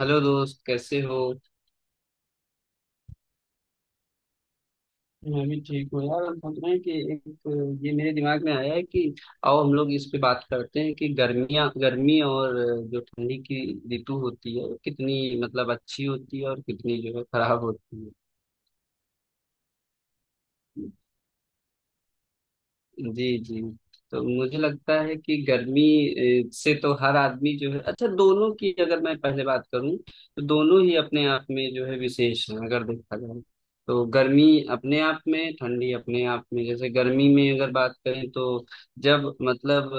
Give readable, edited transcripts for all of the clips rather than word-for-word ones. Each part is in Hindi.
हेलो दोस्त कैसे हो। मैं भी ठीक हूँ यार। हम सोच रहे हैं कि एक ये मेरे दिमाग में आया है कि आओ हम लोग इस पे बात करते हैं कि गर्मियाँ गर्मी और जो ठंडी की ऋतु होती है वो कितनी मतलब अच्छी होती है और कितनी जो है खराब होती है। जी जी। तो मुझे लगता है कि गर्मी से तो हर आदमी जो है अच्छा दोनों की अगर मैं पहले बात करूं तो दोनों ही अपने आप में जो है विशेष हैं अगर देखा जाए तो गर्मी अपने आप में ठंडी अपने आप में। जैसे गर्मी में अगर बात करें तो जब मतलब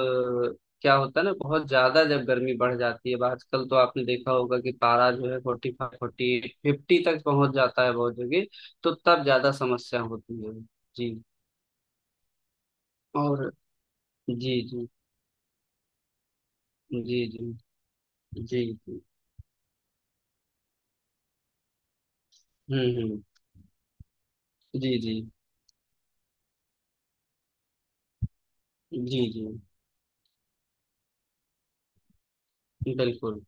क्या होता है ना बहुत ज्यादा जब गर्मी बढ़ जाती है। अब आजकल तो आपने देखा होगा कि पारा जो है 45 40-50 तक पहुंच जाता है बहुत जगह। तो तब ज्यादा समस्या होती है। जी। और जी जी जी जी जी जी। हम्म। जी जी जी जी। बिल्कुल।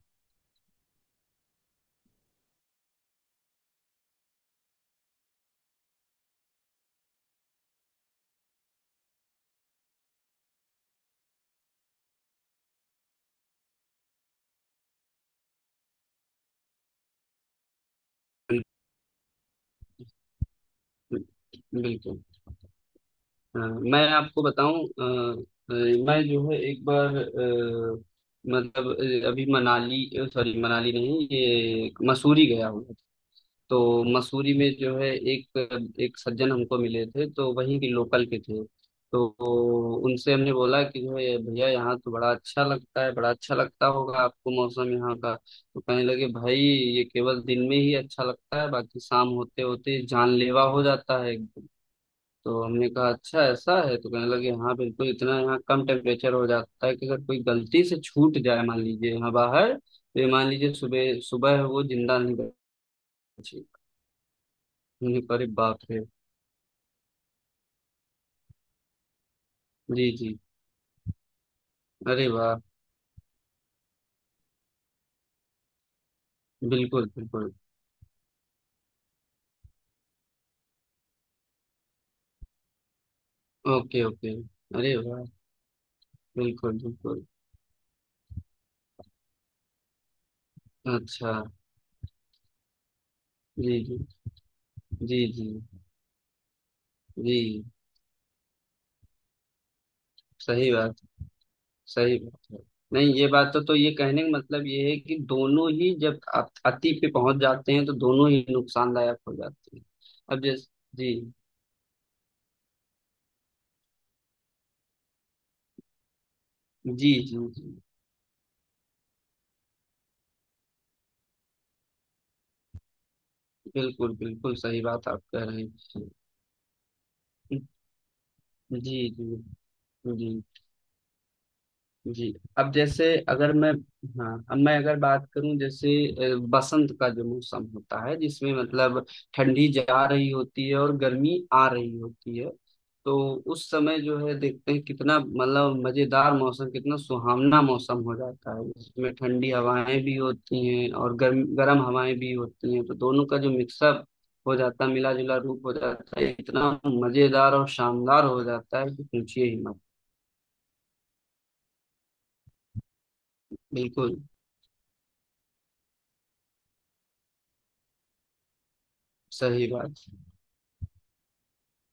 बिल्कुल। बिल्कुल। अ, मैं आपको बताऊं अ, मैं जो है एक बार मतलब अभी मनाली सॉरी मनाली नहीं ये मसूरी गया हूँ। तो मसूरी में जो है एक एक सज्जन हमको मिले थे तो वहीं के लोकल के थे। तो उनसे हमने बोला कि जो है भैया यहाँ तो बड़ा अच्छा लगता है बड़ा अच्छा लगता होगा आपको मौसम यहाँ का। तो कहने लगे भाई ये केवल दिन में ही अच्छा लगता है बाकी शाम होते होते जानलेवा हो जाता है एकदम। तो हमने कहा अच्छा ऐसा है। तो कहने लगे हाँ बिल्कुल इतना यहाँ कम टेम्परेचर हो जाता है कि अगर कोई गलती से छूट जाए मान लीजिए यहाँ बाहर तो ये मान लीजिए सुबह सुबह वो जिंदा नहीं बचे। अरे बाप रे। जी जी। अरे वाह। बिल्कुल बिल्कुल। Okay okay. अरे वाह। बिल्कुल बिल्कुल। अच्छा। जी जी जी जी जी। सही बात। सही बात है। नहीं ये बात तो ये कहने का मतलब ये है कि दोनों ही जब आप अति पे पहुंच जाते हैं तो दोनों ही नुकसानदायक हो जाते हैं। अब जैसे जी जी जी जी बिल्कुल बिल्कुल सही बात आप कह रहे हैं। जी जी जी जी। अब जैसे अगर मैं हाँ अब मैं अगर बात करूं जैसे बसंत का जो मौसम होता है जिसमें मतलब ठंडी जा रही होती है और गर्मी आ रही होती है। तो उस समय जो है देखते हैं कितना मतलब मजेदार मौसम कितना सुहावना मौसम हो जाता है जिसमें ठंडी हवाएं भी होती हैं और गर्म गर्म हवाएं भी होती हैं। तो दोनों का जो मिक्सअप हो जाता है मिला जुला रूप हो जाता है इतना मजेदार और शानदार हो जाता है कि पूछिए ही मत। बिल्कुल सही बात।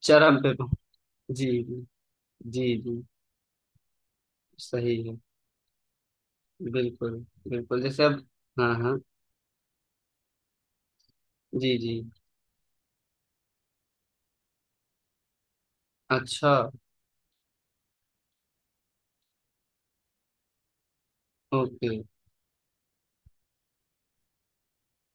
चरम पे पहुं- जी जी जी जी, सही है। बिल्कुल बिल्कुल। जैसे अब हाँ हाँ जी जी अच्छा ओके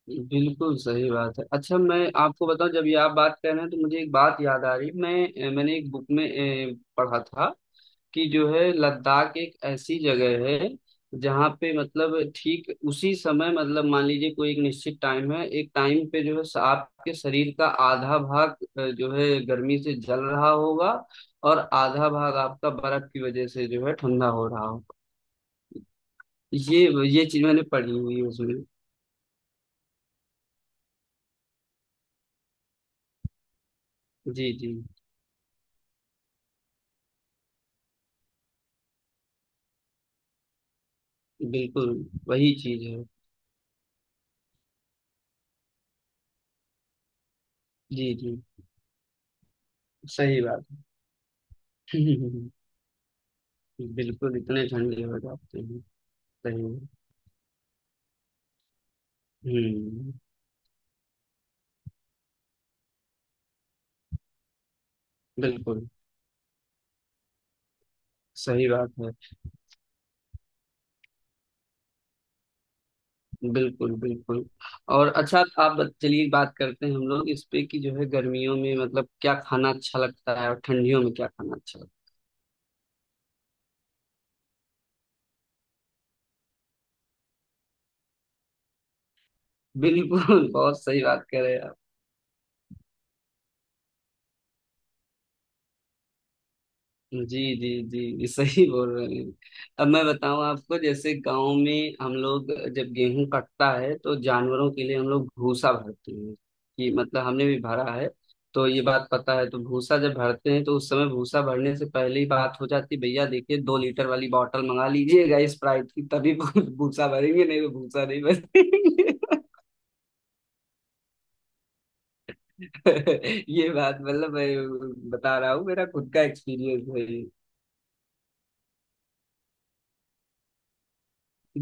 बिल्कुल सही बात है। अच्छा मैं आपको बताऊं जब ये आप बात कर रहे हैं तो मुझे एक बात याद आ रही मैंने एक बुक में पढ़ा था कि जो है लद्दाख एक ऐसी जगह है जहाँ पे मतलब ठीक उसी समय मतलब मान लीजिए कोई एक निश्चित टाइम है एक टाइम पे जो है आपके शरीर का आधा भाग जो है गर्मी से जल रहा होगा और आधा भाग आपका बर्फ की वजह से जो है ठंडा हो रहा होगा। ये ये चीज मैंने पढ़ी हुई है उसमें। जी जी बिल्कुल वही चीज है। जी जी सही बात है। बिल्कुल इतने ठंडे हो जाते हैं सही है। हम्म बिल्कुल सही बात है। बिल्कुल बिल्कुल। और अच्छा चलिए बात करते हैं हम लोग इस पे कि जो है गर्मियों में मतलब क्या खाना अच्छा लगता है और ठंडियों में क्या खाना अच्छा लगता है। बिल्कुल बहुत सही बात करें। जी जी जी सही बोल रहे हैं। अब मैं बताऊं आपको जैसे गांव में हम लोग जब गेहूं कटता है तो जानवरों के लिए हम लोग भूसा भरते हैं कि मतलब हमने भी भरा है। तो ये बात पता है तो भूसा जब भरते हैं तो उस समय भूसा भरने से पहले ही बात हो जाती भैया देखिए 2 लीटर वाली बॉटल मंगा लीजिएगा स्प्राइट की तभी भूसा भरेंगे नहीं तो भूसा नहीं भरेंगे। ये बात मतलब मैं बता रहा हूँ मेरा खुद का एक्सपीरियंस है ये।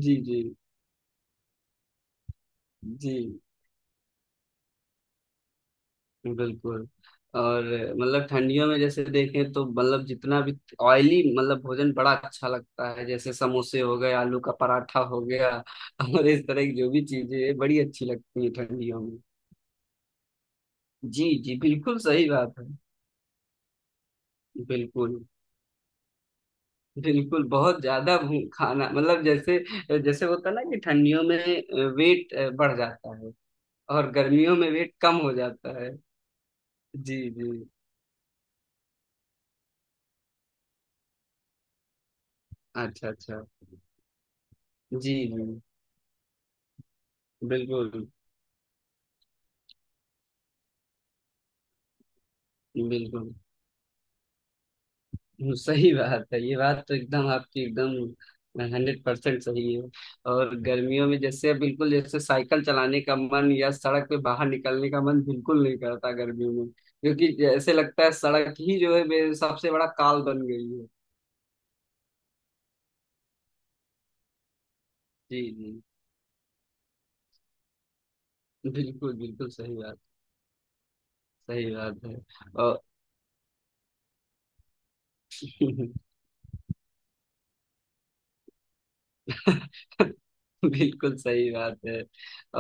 जी जी जी। बिल्कुल। और मतलब ठंडियों में जैसे देखें तो मतलब जितना भी ऑयली मतलब भोजन बड़ा अच्छा लगता है जैसे समोसे हो गए आलू का पराठा हो गया और इस तरह की जो भी चीजें हैं, बड़ी अच्छी लगती है ठंडियों में। जी जी बिल्कुल सही बात है। बिल्कुल बिल्कुल खाना मतलब जैसे जैसे होता है ना कि ठंडियों में वेट बढ़ जाता है और गर्मियों में वेट कम हो जाता है। जी जी। अच्छा अच्छा। जी जी। बिल्कुल बिल्कुल। सही बात है ये बात तो एकदम आपकी एकदम 100% सही है। और गर्मियों में जैसे बिल्कुल जैसे साइकिल चलाने का मन या सड़क पे बाहर निकलने का मन बिल्कुल नहीं करता गर्मियों में क्योंकि जैसे लगता है सड़क ही जो है मेरे सबसे बड़ा काल बन गई है। जी जी बिल्कुल बिल्कुल सही बात। सही बात है। और बिल्कुल सही बात है।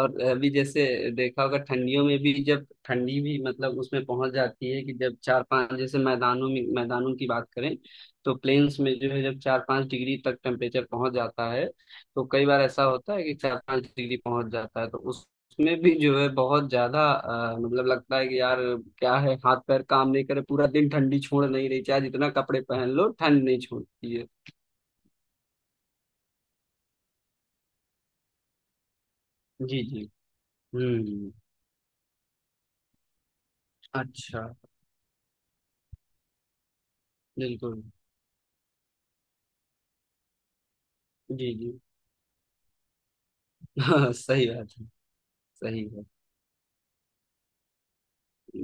और अभी जैसे देखा होगा ठंडियों में भी जब ठंडी भी मतलब उसमें पहुंच जाती है कि जब 4-5 जैसे मैदानों में मैदानों की बात करें तो प्लेन्स में जो है जब 4-5 डिग्री तक टेम्परेचर पहुंच जाता है। तो कई बार ऐसा होता है कि 4-5 डिग्री पहुंच जाता है तो उस उसमें भी जो है बहुत ज्यादा मतलब लगता है कि यार क्या है हाथ पैर काम नहीं करे पूरा दिन ठंडी छोड़ नहीं रही चाहे जितना कपड़े पहन लो ठंड नहीं छोड़ती है। जी जी। हम्म। अच्छा। बिल्कुल। जी जी। हाँ सही बात है। सही है।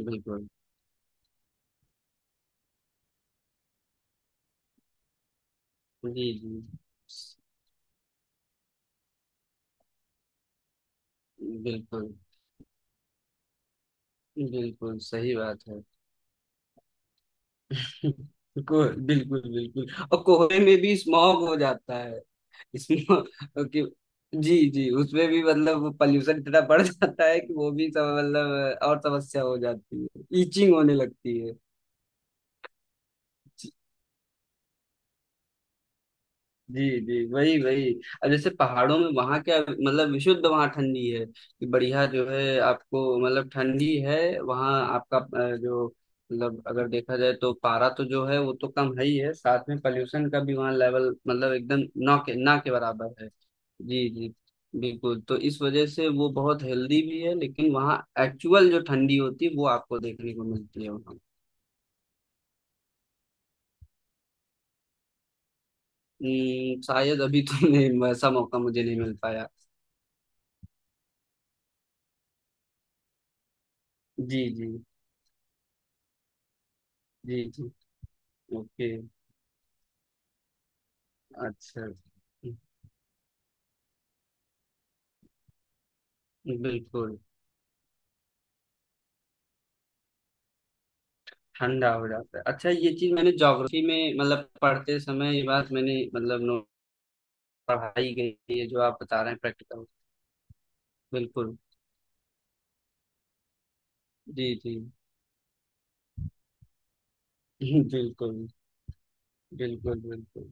बिल्कुल। जी जी। बिल्कुल बिल्कुल सही बात है। बिल्कुल बिल्कुल। और कोहरे में भी स्मॉग हो जाता है इसमें कि जी जी उसमें भी मतलब पॉल्यूशन इतना बढ़ जाता है कि वो भी सब मतलब और समस्या हो जाती है ईचिंग होने लगती है। जी जी वही वही। अब जैसे पहाड़ों में वहां क्या मतलब विशुद्ध वहां ठंडी है कि बढ़िया जो है आपको मतलब ठंडी है वहां आपका जो मतलब अगर देखा जाए तो पारा तो जो है वो तो कम है ही है साथ में पॉल्यूशन का भी वहाँ लेवल मतलब एकदम ना के बराबर है। जी जी बिल्कुल। तो इस वजह से वो बहुत हेल्दी भी है लेकिन वहाँ एक्चुअल जो ठंडी होती है वो आपको देखने को मिलती है वहाँ। शायद अभी तो नहीं वैसा मौका मुझे नहीं मिल पाया। जी जी जी जी। ओके। अच्छा। बिल्कुल ठंडा हो जाता है। अच्छा ये चीज मैंने ज्योग्राफी में मतलब पढ़ते समय ये बात मैंने मतलब नो पढ़ाई गई है जो आप बता रहे हैं। प्रैक्टिकल बिल्कुल जी जी। बिल्कुल बिल्कुल बिल्कुल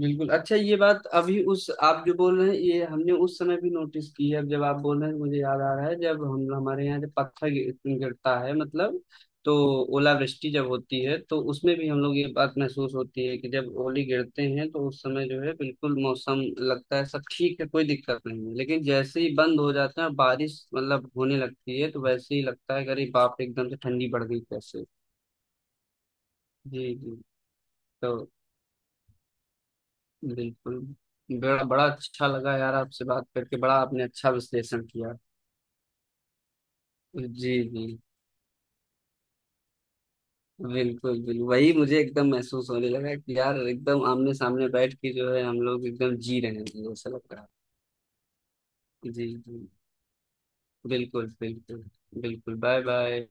बिल्कुल। अच्छा ये बात अभी उस आप जो बोल रहे हैं ये हमने उस समय भी नोटिस की है अब जब आप बोल रहे हैं तो मुझे याद आ रहा है जब हम हमारे यहाँ जब पत्थर गिरता है मतलब तो ओलावृष्टि जब होती है तो उसमें भी हम लोग ये बात महसूस होती है कि जब ओले गिरते हैं तो उस समय जो है बिल्कुल मौसम लगता है सब ठीक है कोई दिक्कत नहीं है लेकिन जैसे ही बंद हो जाता है और बारिश मतलब होने लगती है तो वैसे ही लगता है कि अरे बाप रे, एकदम से ठंडी बढ़ गई कैसे। जी जी। तो बिल्कुल। बड़ा बड़ा अच्छा लगा यार आपसे बात करके बड़ा आपने अच्छा विश्लेषण किया। जी जी बिल्कुल बिल्कुल। वही मुझे एकदम महसूस होने लगा कि यार एकदम आमने सामने बैठ के जो है हम लोग एकदम जी रहे हैं ऐसा लग रहा है। जी जी बिल्कुल बिल्कुल। बिल्कुल बाय बाय।